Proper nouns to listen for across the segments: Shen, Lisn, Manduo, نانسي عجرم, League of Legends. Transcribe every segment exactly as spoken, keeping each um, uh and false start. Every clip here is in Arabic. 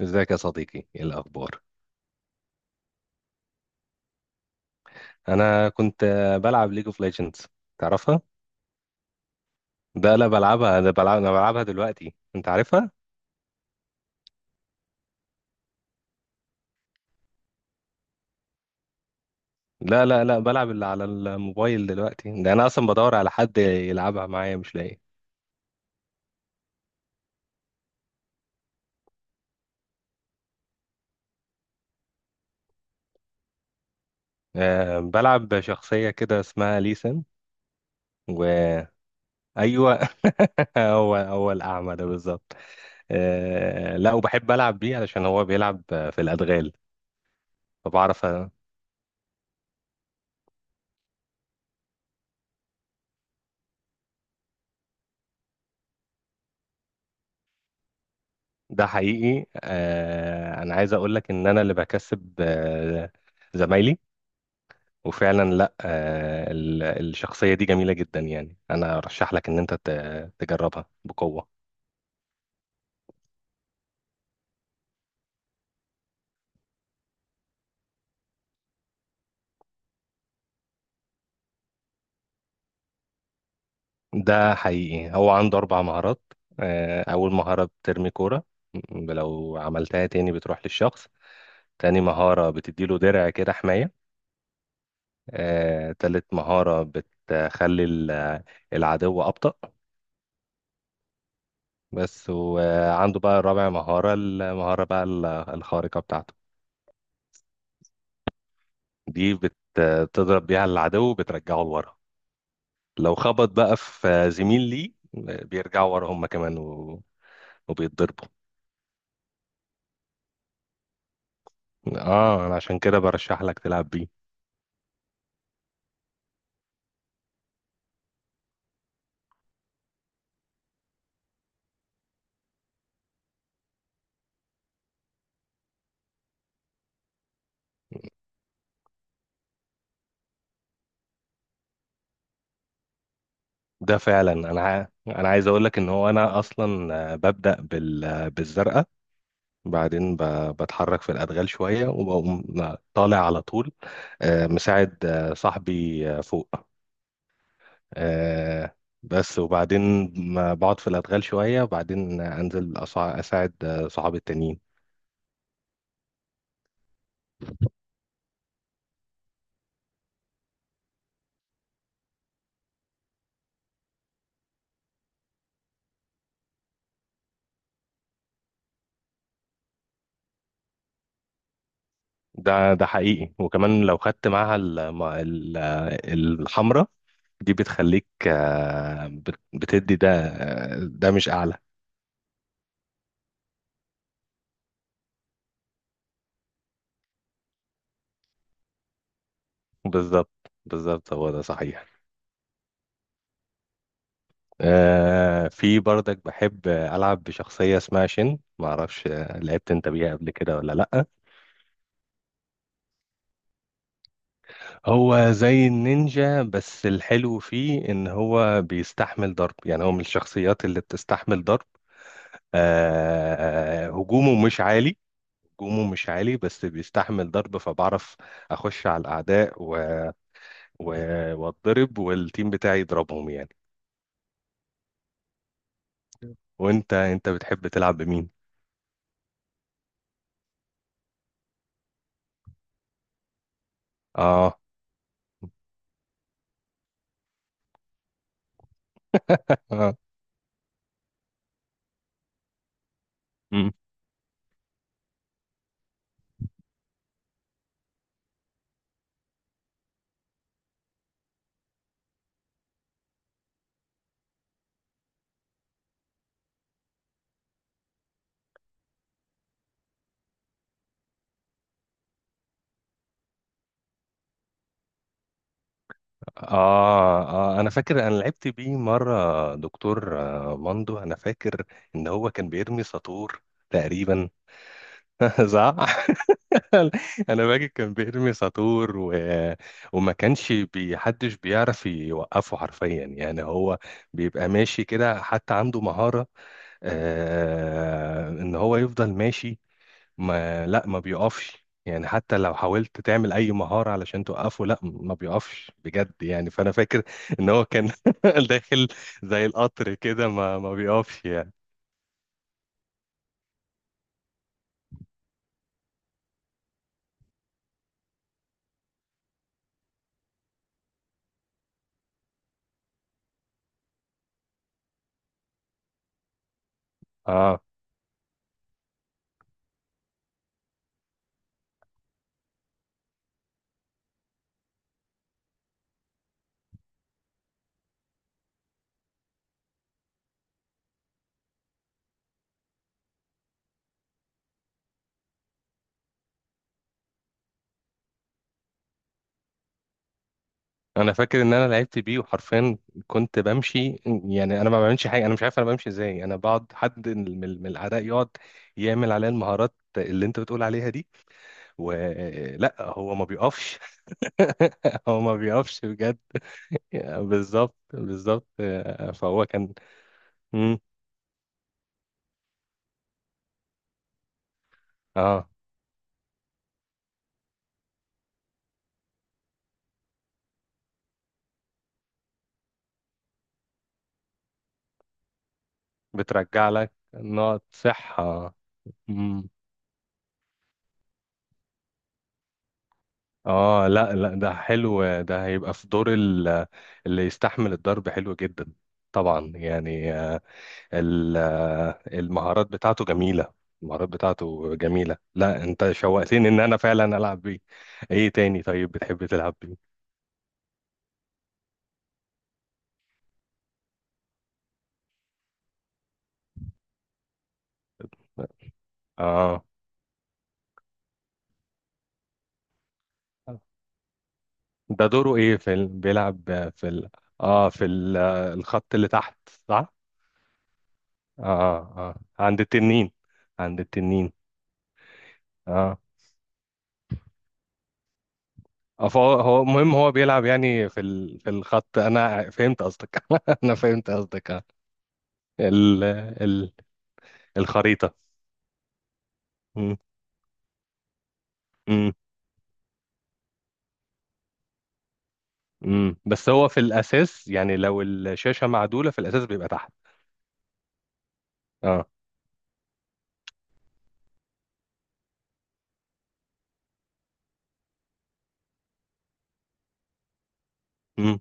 ازيك يا صديقي، ايه الاخبار؟ انا كنت آه، بلعب ليج اوف ليجندز، تعرفها؟ ده لا بلعبها، ده بلعب. انا بلعبها دلوقتي، انت عارفها. لا لا لا، بلعب اللي على الموبايل دلوقتي. ده انا اصلا بدور على حد يلعبها معايا مش لاقي. أه، بلعب شخصية كده اسمها ليسن وايوه. هو هو الاعمى ده بالظبط. أه لا، وبحب العب بيه علشان هو بيلعب في الادغال فبعرف. ده حقيقي. آه انا عايز اقول لك ان انا اللي بكسب، آه زمايلي. وفعلا لا، آه ال- الشخصية دي جميلة جدا، يعني انا ارشح لك ان انت ت- تجربها بقوة. ده حقيقي، هو عنده اربع مهارات. آه، اول مهارة بترمي كورة، م- لو عملتها تاني بتروح للشخص. تاني مهارة بتديله درع كده حماية. آه، تالت مهارة بتخلي ال- العدو أبطأ. بس. وعنده بقى رابع مهارة، المهارة بقى ال- الخارقة بتاعته. دي بت- بتضرب بيها العدو، بترجعه لورا. لو خبط بقى في زميل ليه، بيرجعوا ورا هم كمان و... وبيتضربوا. اه انا عشان كده برشح لك تلعب بيه. ده فعلا. انا ع... انا عايز اقول لك ان هو انا اصلا ببدأ بال... بالزرقاء. بعدين ب... بتحرك في الادغال شوية، وبقوم طالع على طول. آه، مساعد آه، صاحبي آه، فوق. آه، بس. وبعدين ما بقعد في الأدغال شوية، وبعدين أنزل أصع- أساعد آه، صحابي التانيين. ده ده حقيقي. وكمان لو خدت معاها الم- ال- الحمرة دي بتخليك، آه، بت- بتدي ده، آه، ده مش أعلى. بالظبط بالظبط، هو ده صحيح. آه، في برضك بحب ألعب بشخصية اسمها شن، معرفش آه، لعبت أنت بيها قبل كده ولا لأ. هو زي النينجا، بس الحلو فيه ان هو بيستحمل ضرب. يعني هو من الشخصيات اللي بتستحمل ضرب. آه، هجومه مش عالي. هجومه مش عالي بس بيستحمل ضرب، فبعرف اخش على الاعداء و... و... واتضرب والتيم بتاعي يضربهم يعني. وانت انت بتحب تلعب بمين؟ اه. اه. مم. آه، آه، أنا فاكر أنا لعبت بيه مرة، دكتور آه، ماندو. أنا فاكر إن هو كان بيرمي ساطور تقريبا. زعل. انا باجي كان بيرمي ساطور و... وما كانش بي... حدش بيعرف يوقفه حرفيا. يعني هو بيبقى ماشي كده. حتى عنده مهارة آه... ان هو يفضل ماشي، ما لا ما بيقفش يعني. حتى لو حاولت تعمل اي مهارة علشان توقفه، لا ما بيقفش بجد يعني. فانا فاكر ان هو كان داخل زي القطر كده، ما ما بيقفش يعني. آه، انا فاكر ان انا لعبت بيه وحرفيا كنت بمشي. يعني انا ما بعملش حاجه، انا مش عارف انا بمشي ازاي. انا بقعد حد من من- من الاعداء يقعد يعمل عليا المهارات اللي انت بتقول عليها دي، ولا هو ما بيقفش. هو ما بيقفش بجد. بالظبط بالظبط. فهو كان. مم. اه، بترجع لك نقط صحه. مم. اه لا لا، ده حلو. ده هيبقى في دور ال- اللي يستحمل الضرب، حلو جدا. طبعا يعني، ال- المهارات بتاعته جميلة. المهارات بتاعته جميلة. لا انت شوقتني ان انا فعلا العب بيه. ايه تاني طيب بتحب تلعب بيه؟ اه. ده دوره ايه؟ في ال... بيلعب في ال... اه، في ال... الخط اللي تحت، صح؟ اه. اه. آه، عند التنين. عند التنين. اه. اه، فهو هو مهم. هو بيلعب يعني في ال... في الخط. انا فهمت قصدك. انا فهمت قصدك، آه. ال... ال... الخريطة. م. م. امم، بس هو في الاساس، يعني لو الشاشه معدوله، في الاساس بيبقى تحت. اه. امم.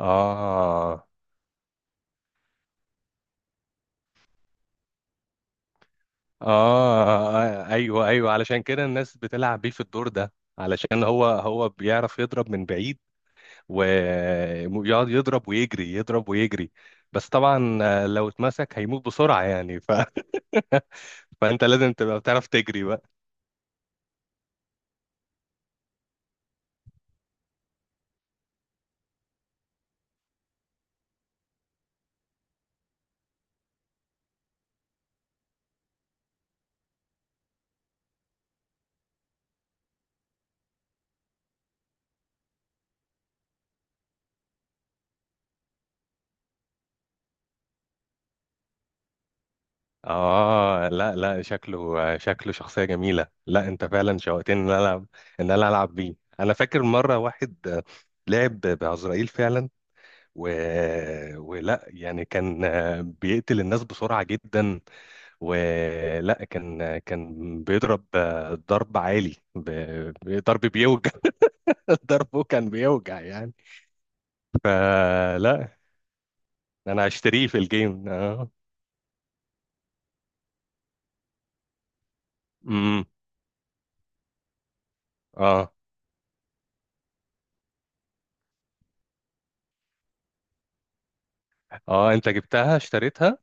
آه. اه ايوه ايوه، علشان كده الناس بتلعب بيه في الدور ده، علشان هو هو بيعرف يضرب من بعيد. ويقعد يضرب ويجري، يضرب ويجري. بس طبعا آه، لو اتمسك هيموت بسرعه يعني. ف... فانت لازم تبقى بتعرف تجري. اه لا لا، شكله شكله شخصية جميلة. لا انت فعلا شوقتني ان انا العب، ان انا العب بيه. انا فاكر مرة واحد لعب بعزرائيل فعلا و... ولا يعني، كان بيقتل الناس بسرعة جدا. ولا كان، كان بيضرب، ضرب عالي ب... ضرب بيوجع. ضربه كان بيوجع يعني. فلا، انا هشتريه في الجيم، اه. امم. اه. اه انت جبتها، اشتريتها؟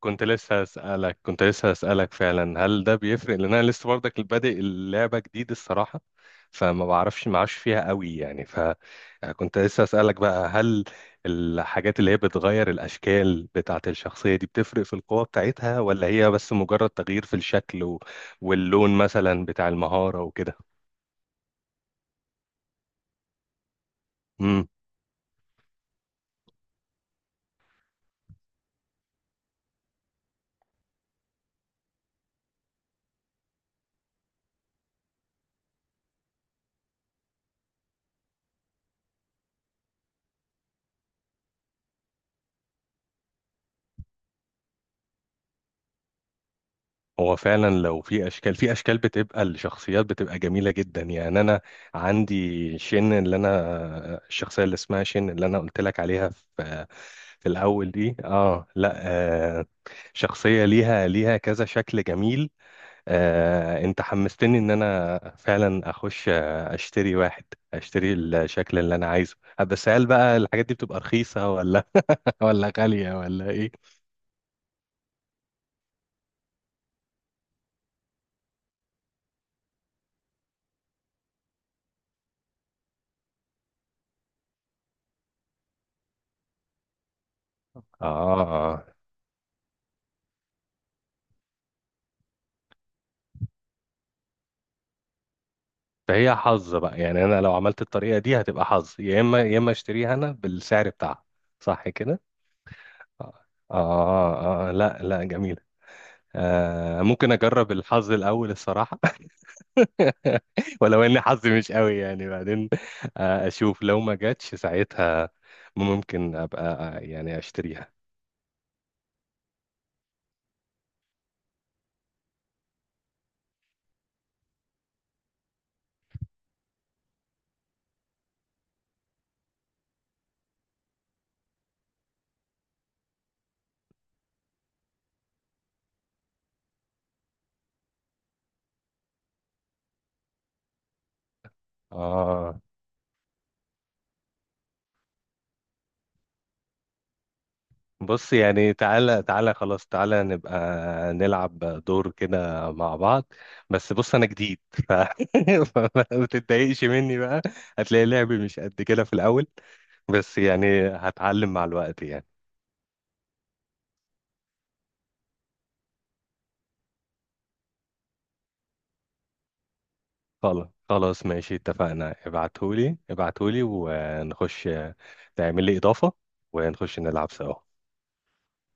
كنت لسه هسألك، كنت لسه هسألك فعلا، هل ده بيفرق؟ لان انا لسه برضك بادئ اللعبة جديد الصراحة، فما بعرفش معاش فيها قوي يعني. فكنت لسه هسألك بقى، هل الحاجات اللي هي بتغير الأشكال بتاعة الشخصية دي بتفرق في القوة بتاعتها، ولا هي بس مجرد تغيير في الشكل و- واللون مثلا بتاع المهارة وكده. هو فعلا لو في اشكال، في اشكال بتبقى الشخصيات بتبقى جميله جدا. يعني انا عندي شن، اللي انا الشخصيه اللي اسمها شن اللي انا قلت لك عليها في في الاول دي، اه لا، آه، شخصيه ليها ليها كذا شكل جميل. آه، انت حمستني ان انا فعلا اخش اشتري واحد، اشتري الشكل اللي انا عايزه. بس هل بقى الحاجات دي بتبقى رخيصه ولا ولا غاليه ولا ايه؟ اه، فهي حظ بقى يعني. انا لو عملت الطريقه دي هتبقى حظ، يا اما يا اما اشتريها انا بالسعر بتاعها. صح كده؟ آه, آه, اه، آه، لا لا جميله. آه، ممكن اجرب الحظ الاول الصراحه. ولو ان حظي مش قوي يعني، بعدين آه اشوف. لو ما جاتش ساعتها ممكن ابقى آه، يعني اشتريها. اه. بص يعني، تعالى تعالى خلاص تعالى نبقى نلعب دور كده مع بعض. بس بص، انا جديد ف... فما تتضايقش مني بقى، هتلاقي لعبي مش قد كده في الاول، بس يعني هتعلم مع الوقت يعني. خلاص خلاص ماشي، اتفقنا. ابعتهولي ابعتهولي ونخش، تعمل لي اضافة ونخش نلعب سوا.